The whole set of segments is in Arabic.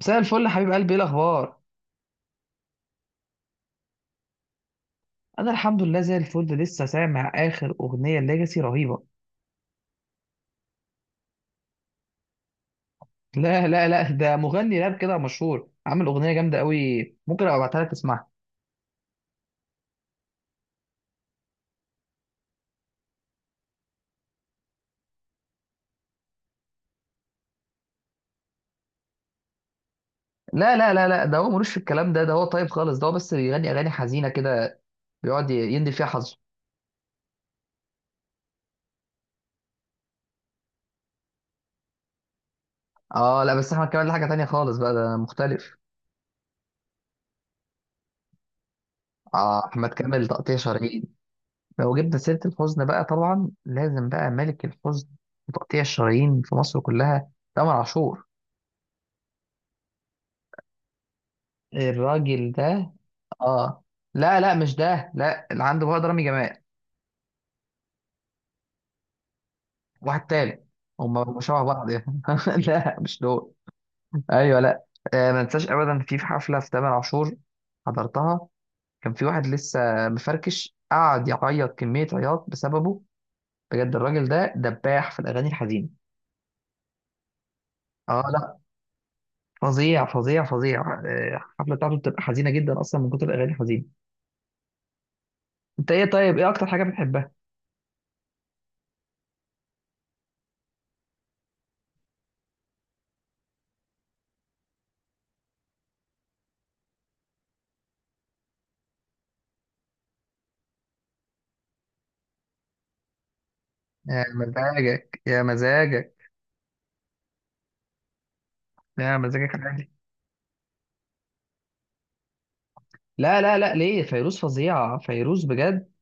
مساء الفل يا حبيب قلبي، ايه الاخبار؟ انا الحمد لله زي الفل، لسه سامع اخر اغنيه ليجاسي رهيبه. لا لا لا، ده مغني راب كده مشهور، عامل اغنيه جامده قوي. ممكن ابقى ابعتها لك تسمعها. لا لا لا لا، ده هو ملوش في الكلام ده هو طيب خالص، ده هو بس بيغني اغاني حزينه كده. بيقعد يندي فيها حظه. اه، لا، بس احمد كامل ده حاجه تانية خالص بقى، ده مختلف. اه، احمد كامل تقطيع شرايين. لو جبنا سيره الحزن بقى، طبعا لازم بقى ملك الحزن. وتقطيع الشرايين في مصر كلها تامر عاشور. الراجل ده. اه، لا لا، مش ده، لا اللي عنده بقى رامي جمال. واحد تاني. هم شبه بعض يعني. لا، مش دول. ايوه، لا. ما انساش ابدا، في حفله في تامر عاشور. حضرتها. كان في واحد لسه مفركش، قعد يعيط كميه عياط بسببه. بجد الراجل ده دباح في الاغاني الحزينه. اه، لا. فظيع فظيع فظيع. الحفله بتاعته بتبقى حزينه جدا اصلا من كتر الاغاني الحزينه. انت ايه؟ طيب ايه اكتر حاجه بتحبها؟ يا مزاجك، يا مزاجك، يا مزاجك. لا لا لا، ليه، فيروز فظيعة، فيروز بجد.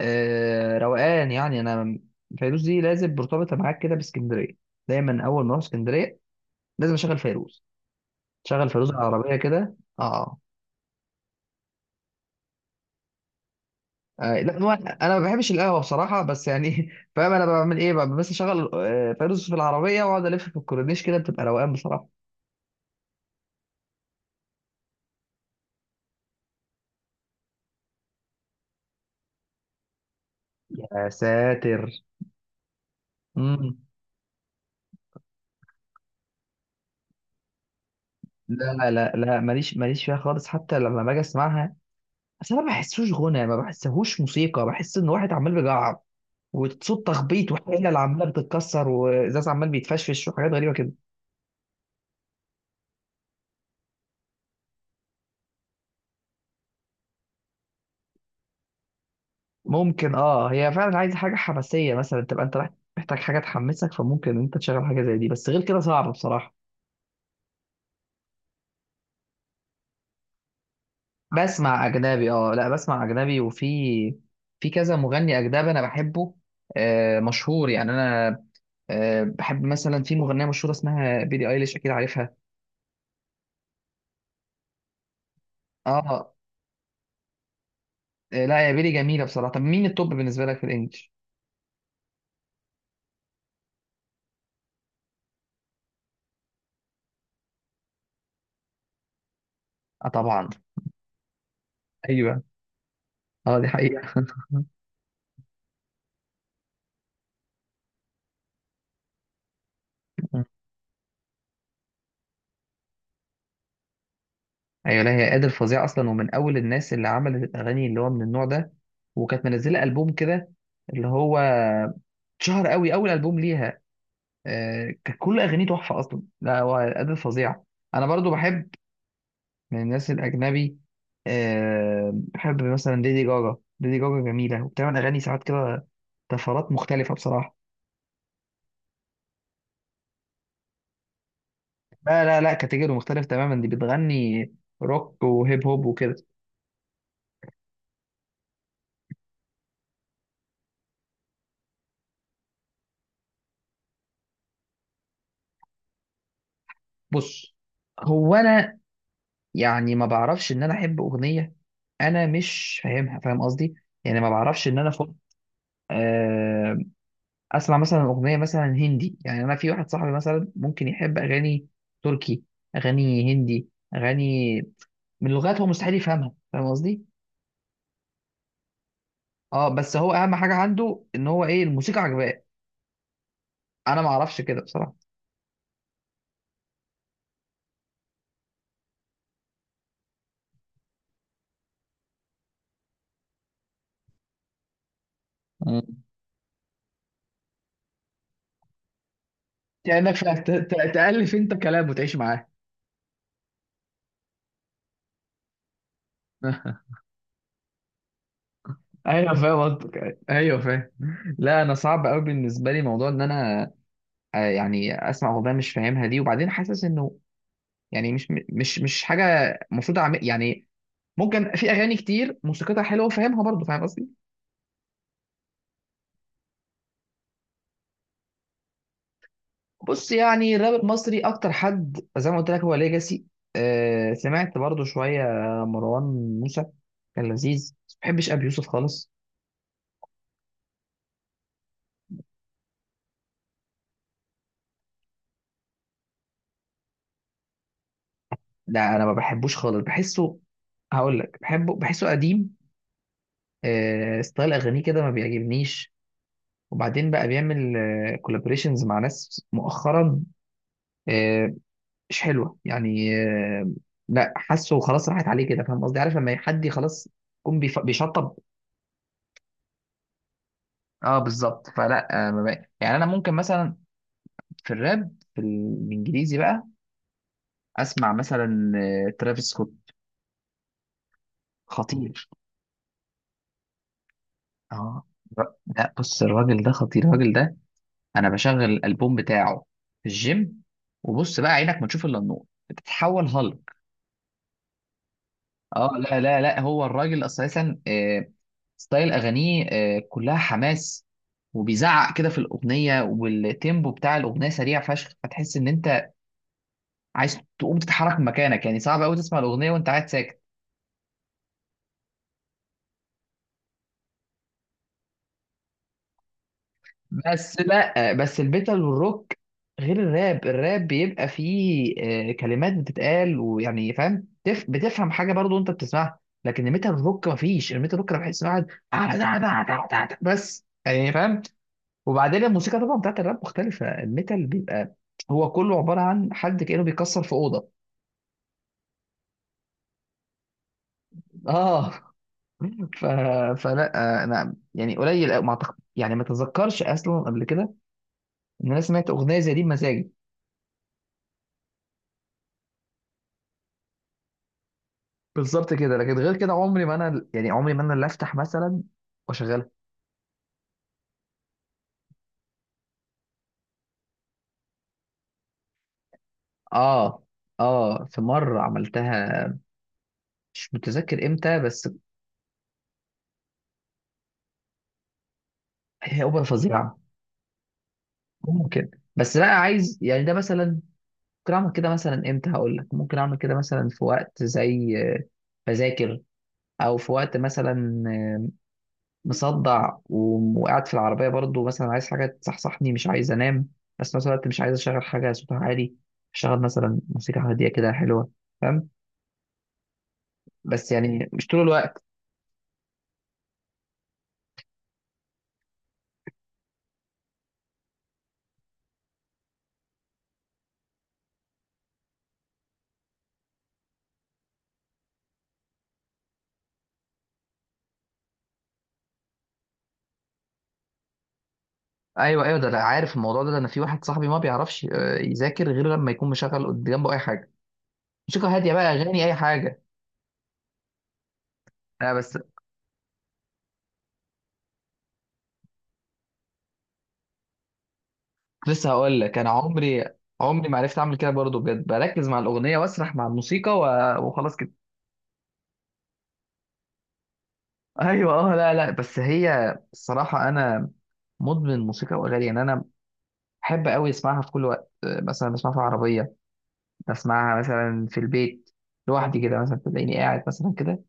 روقان يعني، أنا فيروز دي لازم مرتبطة معاك كده باسكندرية. دايما أول ما أروح اسكندرية، لازم أشغل فيروز، أشغل فيروز العربية كده. لا، هو انا ما بحبش القهوه بصراحه، بس يعني فاهم انا بعمل ايه بقى؟ بس اشغل فيروز في العربيه، واقعد الف في الكورنيش كده، بتبقى روقان بصراحه. يا ساتر. مم. لا لا لا، ماليش ماليش فيها خالص، حتى لما باجي اسمعها بس انا ما بحسوش غنى، ما بحسهوش موسيقى، بحس ان واحد عمال بيجعر، وصوت تخبيط، وحلل عماله بتتكسر، وازاز عمال بيتفشفش، وحاجات غريبه كده. ممكن، هي فعلا عايزه حاجه حماسيه مثلا، تبقى انت رايح محتاج حاجه تحمسك، فممكن انت تشغل حاجه زي دي، بس غير كده صعب بصراحه. بسمع اجنبي، اه. لا، بسمع اجنبي، وفي في كذا مغني اجنبي انا بحبه. مشهور يعني، انا بحب مثلا في مغنيه مشهوره اسمها بيلي ايليش، اكيد عارفها. اه. لا، يا بيلي جميله بصراحه. طب مين التوب بالنسبه لك في الانجليش؟ اه، طبعا. ايوه. اه، دي حقيقه. ايوه. لا هي قادر فظيع اصلا، ومن اول الناس اللي عملت الاغاني اللي هو من النوع ده، وكانت منزله البوم كده، اللي هو اتشهر قوي اول البوم ليها. كانت كل اغانيه تحفه اصلا، لا هو قادر فظيع. انا برضو بحب من الناس الاجنبي. بحب مثلا ليدي جاجا. ليدي جاجا جميله وبتعمل اغاني ساعات كده، طفرات مختلفه بصراحه. لا لا لا، كاتيجوري مختلف تماما، دي بتغني روك وهيب هوب وكده. بص، هو انا يعني ما بعرفش ان انا احب اغنيه انا مش فاهمها، فاهم قصدي؟ يعني ما بعرفش ان انا فوق. آه، اسمع مثلا اغنيه مثلا هندي، يعني انا في واحد صاحبي مثلا ممكن يحب اغاني تركي، اغاني هندي، اغاني من لغات هو مستحيل يفهمها، فاهم قصدي؟ اه، بس هو اهم حاجه عنده ان هو ايه، الموسيقى عجباه. انا ما اعرفش كده بصراحه. كأنك تألف انت كلام، وتعيش معاه. ايوه، فاهم قصدك، ايوه فاهم. لا، انا صعب قوي بالنسبه لي موضوع ان انا يعني اسمع اغنيه مش فاهمها دي، وبعدين حاسس انه يعني مش حاجه المفروض اعمل يعني. ممكن في اغاني كتير موسيقتها حلوه وفاهمها برضه، فاهم قصدي؟ بص، يعني الراب المصري اكتر حد زي ما قلت لك هو ليجاسي. سمعت برضه شويه مروان موسى، كان لذيذ. ما بحبش ابي يوسف خالص. لا انا ما بحبوش خالص، بحسه، هقول لك، بحبه، بحسه قديم. ستايل اغانيه كده ما بيعجبنيش، وبعدين بقى بيعمل كولابريشنز مع ناس مؤخرا. آه مش حلوه يعني. آه لا، حاسه خلاص راحت عليه كده، فاهم قصدي؟ عارف لما حد خلاص يكون بيشطب. اه، بالظبط، فلا ما بقى. يعني انا ممكن مثلا في الراب، في الانجليزي بقى، اسمع مثلا ترافيس سكوت. خطير. اه. لا بص الراجل ده خطير، الراجل ده انا بشغل الالبوم بتاعه في الجيم، وبص بقى عينك ما تشوف الا النور، بتتحول هالك. اه، لا لا لا، هو الراجل اساسا، ستايل اغانيه كلها حماس، وبيزعق كده في الاغنيه، والتيمبو بتاع الاغنيه سريع فشخ، فتحس ان انت عايز تقوم تتحرك من مكانك، يعني صعب قوي تسمع الاغنيه وانت قاعد ساكت. بس لا، بس الميتال والروك غير الراب. الراب بيبقى فيه كلمات بتتقال، ويعني فاهم، بتفهم حاجه برضو انت بتسمعها. لكن الميتال روك مفيش. الميتال روك انا بحس إن واحد بس، يعني فاهم. وبعدين الموسيقى طبعا بتاعت الراب مختلفه، الميتال بيبقى هو كله عباره عن حد كانه بيكسر في اوضه. اه، ف... فلا انا يعني قليل أوي، ما أعتقد- يعني ما تذكرش اصلا قبل كده ان انا سمعت اغنيه زي دي بمزاجي. بالظبط كده، لكن غير كده عمري ما انا، يعني عمري ما انا اللي افتح مثلا واشغلها. اه. اه، في مرة عملتها، مش متذكر امتى بس. هي اوبرا فظيعة. ممكن، بس بقى عايز يعني، ده مثلا ممكن اعمل كده مثلا امتى، هقول لك. ممكن اعمل كده مثلا في وقت زي بذاكر، او في وقت مثلا مصدع وقاعد في العربية برضو، مثلا عايز حاجة تصحصحني، مش عايز انام، بس في نفس الوقت مش عايز اشغل حاجة صوتها عالي، اشغل مثلا موسيقى هادية كده حلوة، فاهم؟ بس يعني مش طول الوقت. ايوه ايوه، ده انا عارف الموضوع ده، ده انا في واحد صاحبي ما بيعرفش يذاكر غير لما يكون مشغل جنبه اي حاجه، موسيقى هاديه بقى، اغاني، اي حاجه. انا بس كنت لسه هقول لك، انا عمري، عمري ما عرفت اعمل كده برضه بجد، بركز مع الاغنيه واسرح مع الموسيقى وخلاص كده. ايوه. اه، لا لا، بس هي الصراحه انا مدمن موسيقى واغاني، يعني انا بحب قوي اسمعها في كل وقت، مثلا بسمعها في العربيه، بسمعها مثلا في البيت لوحدي كده، مثلا تلاقيني قاعد مثلا كده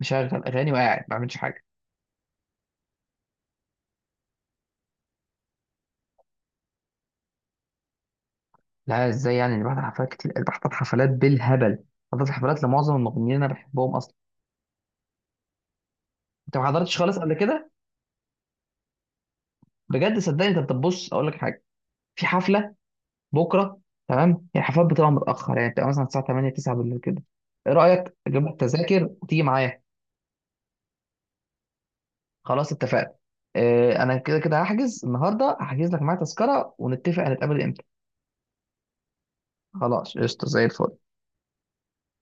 مشغل اغاني وقاعد ما بعملش حاجه. لا، ازاي؟ يعني انا بحضر حفلات كتير، بحضر حفلات بالهبل. حضرت حفلات لمعظم المغنيين اللي انا بحبهم اصلا. انت ما حضرتش خالص قبل كده؟ بجد صدقني، انت بتبص اقول لك حاجه. في حفله بكره، تمام؟ هي الحفلات بتبقى متاخر يعني، بتبقى مثلا الساعه 8 9 بالليل كده. ايه رايك اجيب لك تذاكر وتيجي معايا؟ خلاص اتفقنا. اه، انا كده كده هحجز النهارده، هحجز لك معايا تذكره، ونتفق هنتقابل امتى. خلاص، قشطه زي الفل.